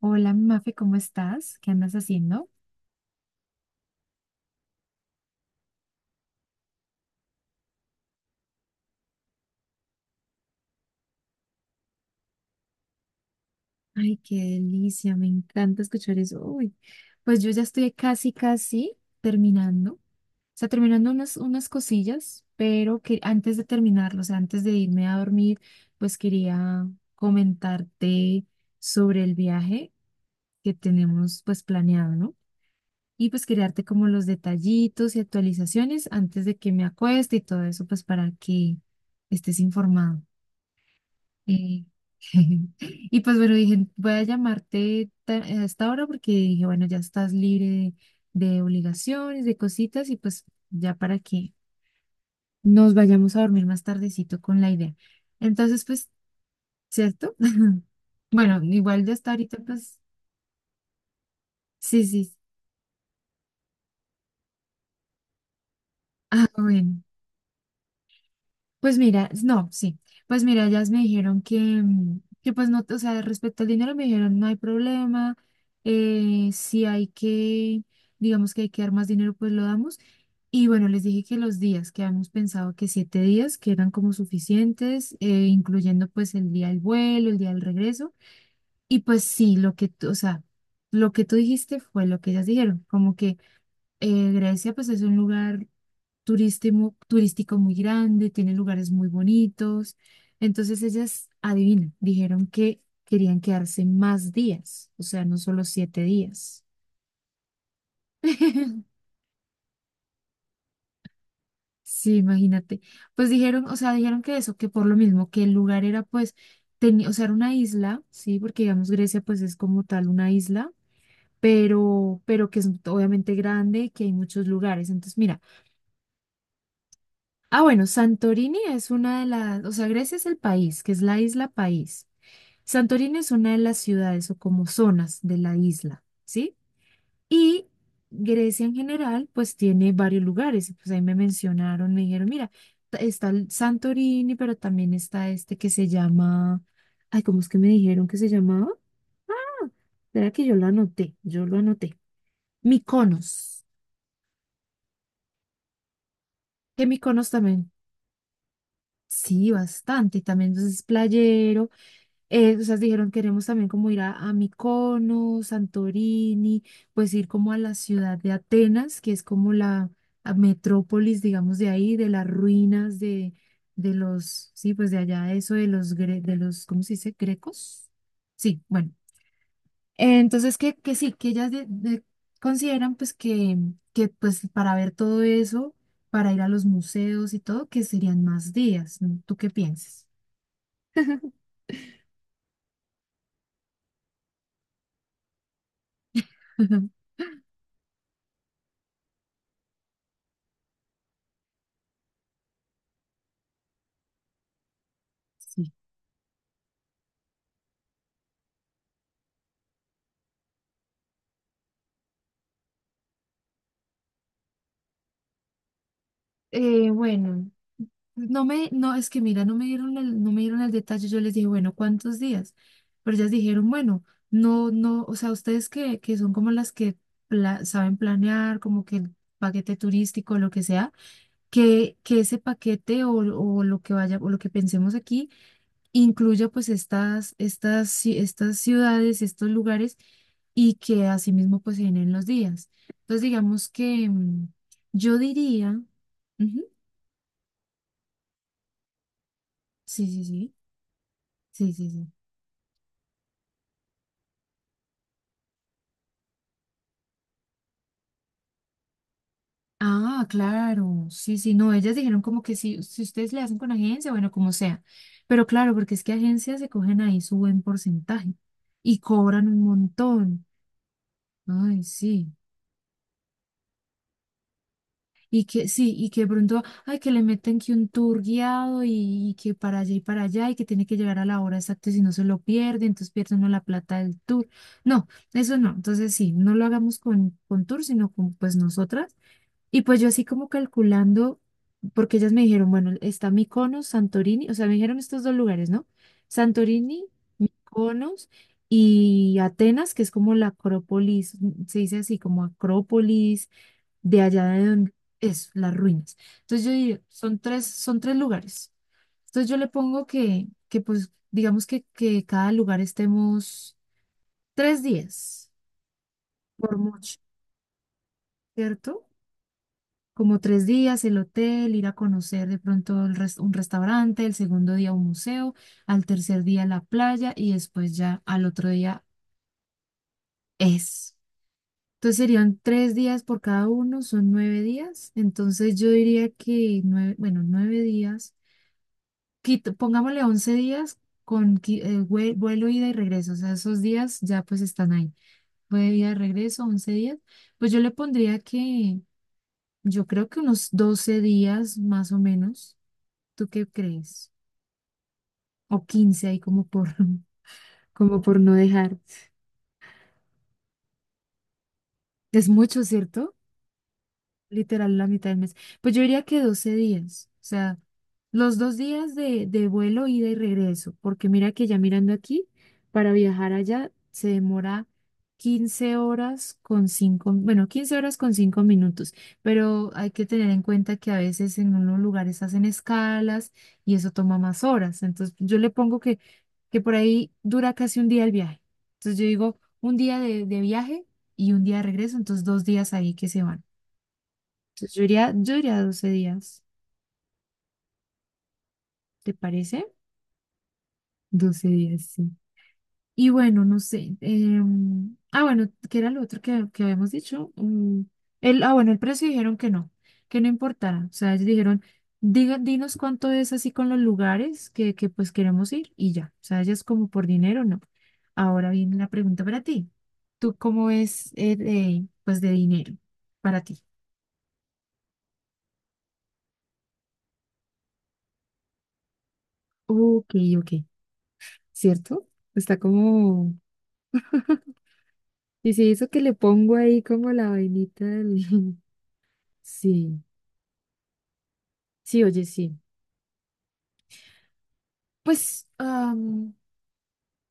Hola, mi Mafe, ¿cómo estás? ¿Qué andas haciendo? Ay, qué delicia, me encanta escuchar eso. Uy, pues yo ya estoy casi, casi terminando. O sea, terminando unas cosillas, pero que antes de terminarlo, o sea, antes de irme a dormir, pues quería comentarte sobre el viaje que tenemos pues planeado, ¿no? Y pues quería darte como los detallitos y actualizaciones antes de que me acueste y todo eso, pues para que estés informado. Eh, Y pues bueno, dije, voy a llamarte a esta hora porque dije, bueno, ya estás libre de obligaciones, de cositas y pues ya para que nos vayamos a dormir más tardecito con la idea. Entonces, pues, ¿cierto? Bueno, igual ya está ahorita, pues, sí, sí. Ah, bueno. Pues mira, no, sí. Pues mira, ellas me dijeron que, que pues no, o sea, respecto al dinero me dijeron no hay problema, si hay que, digamos que hay que dar más dinero, pues lo damos. Y bueno, les dije que los días, que habíamos pensado que 7 días, que eran como suficientes, incluyendo pues el día del vuelo, el día del regreso. Y pues sí, lo que tú, o sea, lo que tú dijiste fue lo que ellas dijeron, como que Grecia pues es un lugar turístico, turístico muy grande, tiene lugares muy bonitos. Entonces ellas, adivina, dijeron que querían quedarse más días, o sea, no solo 7 días. Sí, imagínate. Pues dijeron, o sea, dijeron que eso, que por lo mismo, que el lugar era pues, tenía, o sea, era una isla, sí, porque digamos Grecia pues es como tal una isla, pero que es obviamente grande, y que hay muchos lugares. Entonces, mira, ah, bueno, Santorini es una de las, o sea, Grecia es el país, que es la isla país. Santorini es una de las ciudades o como zonas de la isla, ¿sí? Y Grecia en general, pues tiene varios lugares. Pues ahí me mencionaron, me dijeron, mira, está el Santorini, pero también está este que se llama, ay, ¿cómo es que me dijeron que se llamaba? Era que yo lo anoté, yo lo anoté. Mykonos, que Mykonos también, sí, bastante, y también entonces es playero. O sea, dijeron, queremos también como ir a, Mykonos, Santorini, pues ir como a la ciudad de Atenas, que es como la a metrópolis, digamos, de ahí, de las ruinas de los, sí, pues de allá, eso de los, ¿cómo se dice? ¿Grecos? Sí, bueno. Entonces, que sí, que ellas consideran pues que pues para ver todo eso, para ir a los museos y todo, que serían más días, ¿no? ¿Tú qué piensas? Sí. Bueno. No me, no, es que mira, no me dieron el, no me dieron el detalle. Yo les dije, bueno, ¿cuántos días? Pero ellas dijeron, bueno, no, no, o sea, ustedes que son como las que saben planear, como que el paquete turístico, lo que sea, que ese paquete o lo que vaya, o lo que pensemos aquí, incluya pues estas ciudades, estos lugares, y que asimismo pues se den los días. Entonces, digamos que yo diría, ujú, sí, sí, sí, sí, sí, sí. Ah, claro, sí, sí, no, ellas dijeron como que si ustedes le hacen con agencia, bueno, como sea, pero claro, porque es que agencias se cogen ahí su buen porcentaje y cobran un montón, ay, sí, y que de pronto, ay, que le meten que un tour guiado y que para allá y que tiene que llegar a la hora exacta y si no se lo pierde, entonces pierde uno la plata del tour, no, eso no, entonces sí, no lo hagamos con, tour, sino con pues nosotras. Y pues yo así como calculando, porque ellas me dijeron, bueno, está Mykonos, Santorini, o sea, me dijeron estos dos lugares, ¿no? Santorini, Mykonos y Atenas, que es como la Acrópolis, se dice así como Acrópolis, de allá de donde es, las ruinas. Entonces yo digo, son tres lugares. Entonces yo le pongo que pues digamos que cada lugar estemos 3 días, por mucho, ¿cierto? Como 3 días, el hotel, ir a conocer de pronto el un restaurante, el segundo día un museo, al tercer día la playa y después ya al otro día es. Entonces serían 3 días por cada uno, son 9 días. Entonces yo diría que nueve, bueno, 9 días, pongámosle 11 días con vuelo, ida y regreso. O sea, esos días ya pues están ahí. Vuelo, ida y regreso, 11 días. Pues yo le pondría que yo creo que unos 12 días más o menos. ¿Tú qué crees? O 15 ahí como por, como por no dejar. Es mucho, ¿cierto? Literal, la mitad del mes. Pues yo diría que 12 días, o sea, los dos días de, vuelo, ida y regreso, porque mira que ya mirando aquí, para viajar allá se demora 15 horas con 5, bueno, 15 horas con 5 minutos, pero hay que tener en cuenta que a veces en unos lugares hacen escalas y eso toma más horas. Entonces yo le pongo que, por ahí dura casi un día el viaje. Entonces yo digo, un día de viaje y un día de regreso, entonces 2 días ahí que se van. Entonces yo iría 12 días, ¿te parece? 12 días, sí. Y bueno, no sé. Ah, bueno, ¿qué era lo otro que, habíamos dicho? El, ah, bueno, el precio dijeron que no importara. O sea, ellos dijeron, diga, dinos cuánto es así con los lugares que pues queremos ir y ya. O sea, ya es como por dinero, no. Ahora viene la pregunta para ti. ¿Tú cómo es de, pues de dinero para ti? Ok, ok, ¿cierto? Está como... Y si eso que le pongo ahí como la vainita del... Sí, sí, oye, sí. Pues,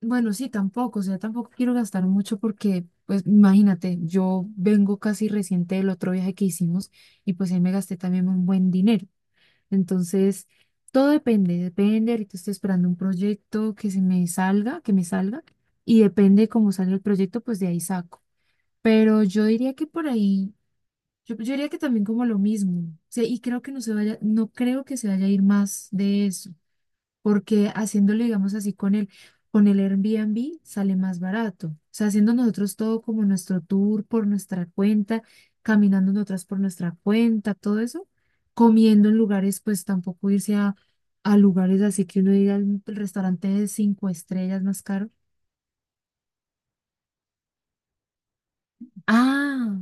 bueno, sí, tampoco, o sea, tampoco quiero gastar mucho porque, pues, imagínate, yo vengo casi reciente del otro viaje que hicimos y pues ahí me gasté también un buen dinero. Entonces, todo depende, depende, ahorita estoy esperando un proyecto que se me salga, que me salga, y depende cómo salga el proyecto, pues de ahí saco. Pero yo diría que por ahí. Yo diría que también como lo mismo, o sea, y creo que no se vaya, no creo que se vaya a ir más de eso, porque haciéndolo, digamos así, con el, Airbnb sale más barato, o sea, haciendo nosotros todo como nuestro tour por nuestra cuenta, caminando nosotras por nuestra cuenta, todo eso, comiendo en lugares, pues tampoco irse a lugares así que uno diga "Mm, el restaurante de cinco estrellas más caro". Ah,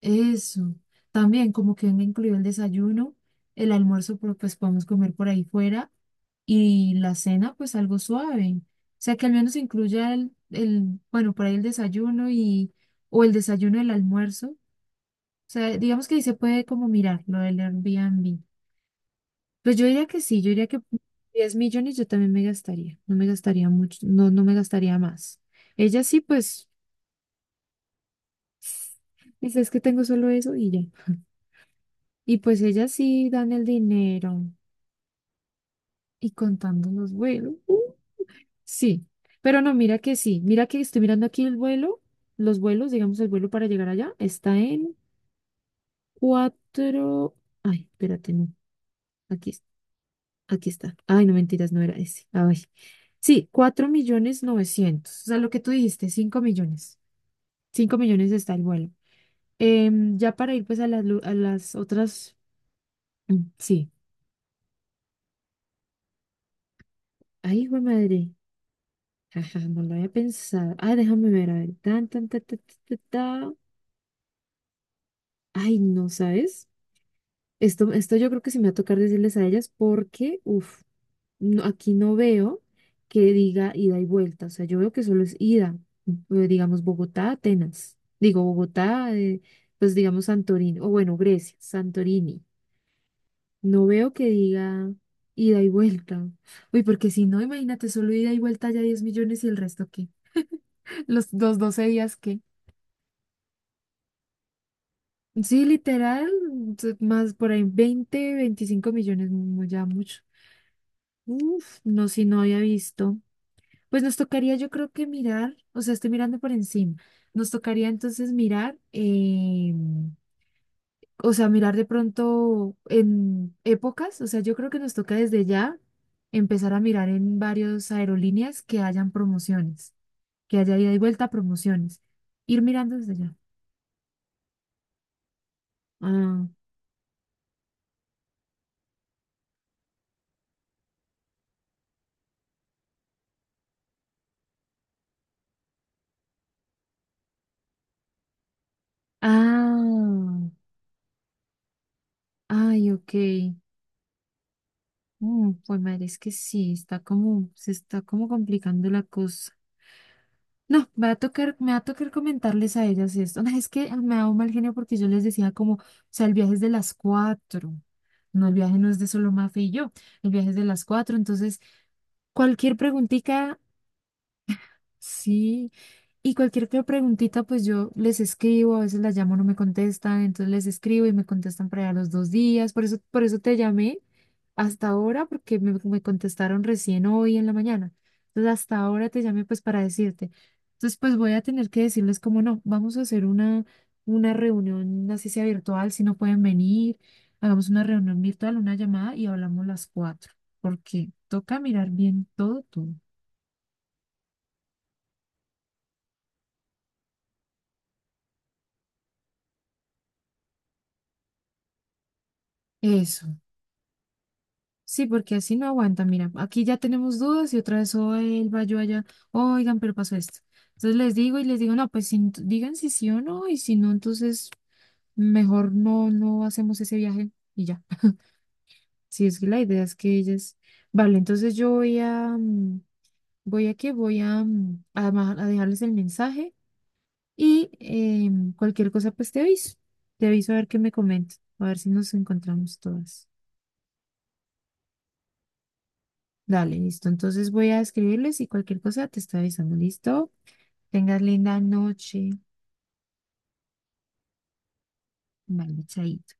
eso. También como que venga incluido el desayuno, el almuerzo, pues podemos comer por ahí fuera y la cena, pues algo suave. O sea, que al menos incluya el, bueno, por ahí el desayuno y, o el desayuno, el almuerzo. O sea, digamos que ahí se puede como mirar lo del Airbnb. Pues yo diría que sí, yo diría que 10 millones yo también me gastaría, no me gastaría mucho, no, no me gastaría más. Ella sí, pues, dice, es que tengo solo eso y ya. Y pues ellas sí dan el dinero y contando los vuelos. Sí, pero no, mira que sí. Mira que estoy mirando aquí el vuelo, los vuelos, digamos el vuelo para llegar allá, está en cuatro. Ay, espérate, no. Aquí, aquí está. Ay, no mentiras, no era ese. Ay. Sí, cuatro millones novecientos. O sea, lo que tú dijiste, 5 millones. 5 millones está el vuelo. Ya para ir pues a las, a las otras. Mm, sí. Ay, hijo de madre. Jaja, no lo había pensado. Ah, déjame ver, a ver. Tan, tan, ta, ta, ta, ta, ta. Ay, no, ¿sabes? Esto yo creo que sí me va a tocar decirles a ellas porque, uff, no, aquí no veo que diga ida y vuelta. O sea, yo veo que solo es ida. eh, Digamos, Bogotá, Atenas. Digo, Bogotá, pues digamos Santorini. O bueno, Grecia, Santorini. No veo que diga ida y vuelta. Uy, porque si no, imagínate, solo ida y vuelta ya 10 millones y el resto, ¿qué? Los dos 12 días, ¿qué? Sí, literal, más por ahí 20, 25 millones, ya mucho. Uf, no, si no había visto. Pues nos tocaría, yo creo que mirar, o sea, estoy mirando por encima. Nos tocaría entonces mirar, o sea, mirar de pronto en épocas, o sea, yo creo que nos toca desde ya empezar a mirar en varias aerolíneas que hayan promociones, que haya ida y vuelta promociones. Ir mirando desde ya. Ah, ah, ay, ok. Pues madre, es que sí, está como, se está como complicando la cosa. No, me va a tocar, me va a tocar comentarles a ellas esto. No, es que me da un mal genio porque yo les decía como, o sea, el viaje es de las cuatro. No, el viaje no es de solo Mafe y yo, el viaje es de las cuatro. Entonces, cualquier preguntita, sí. Y cualquier que preguntita, pues yo les escribo, a veces las llamo, no me contestan, entonces les escribo y me contestan para allá los 2 días. Por eso te llamé hasta ahora, porque me contestaron recién hoy en la mañana. Entonces, hasta ahora te llamé pues para decirte. Entonces, pues voy a tener que decirles como no, vamos a hacer una reunión, así sea virtual, si no pueden venir, hagamos una reunión virtual, una llamada y hablamos las cuatro, porque toca mirar bien todo tú. Eso. Sí, porque así no aguanta. Mira, aquí ya tenemos dudas y otra vez, o él va yo allá, oigan, pero pasó esto. Entonces les digo y les digo, no, pues digan si sí o no, y si no, entonces mejor no, no hacemos ese viaje y ya. Sí, es que la idea es que ellas. Vale, entonces yo voy a, voy a qué voy a, a, a dejarles el mensaje y cualquier cosa, pues te aviso. Te aviso a ver qué me comenta, a ver si nos encontramos todas. Dale, listo. Entonces voy a escribirles y cualquier cosa te estoy avisando. ¿Listo? Tengas linda noche. Bye, chaito.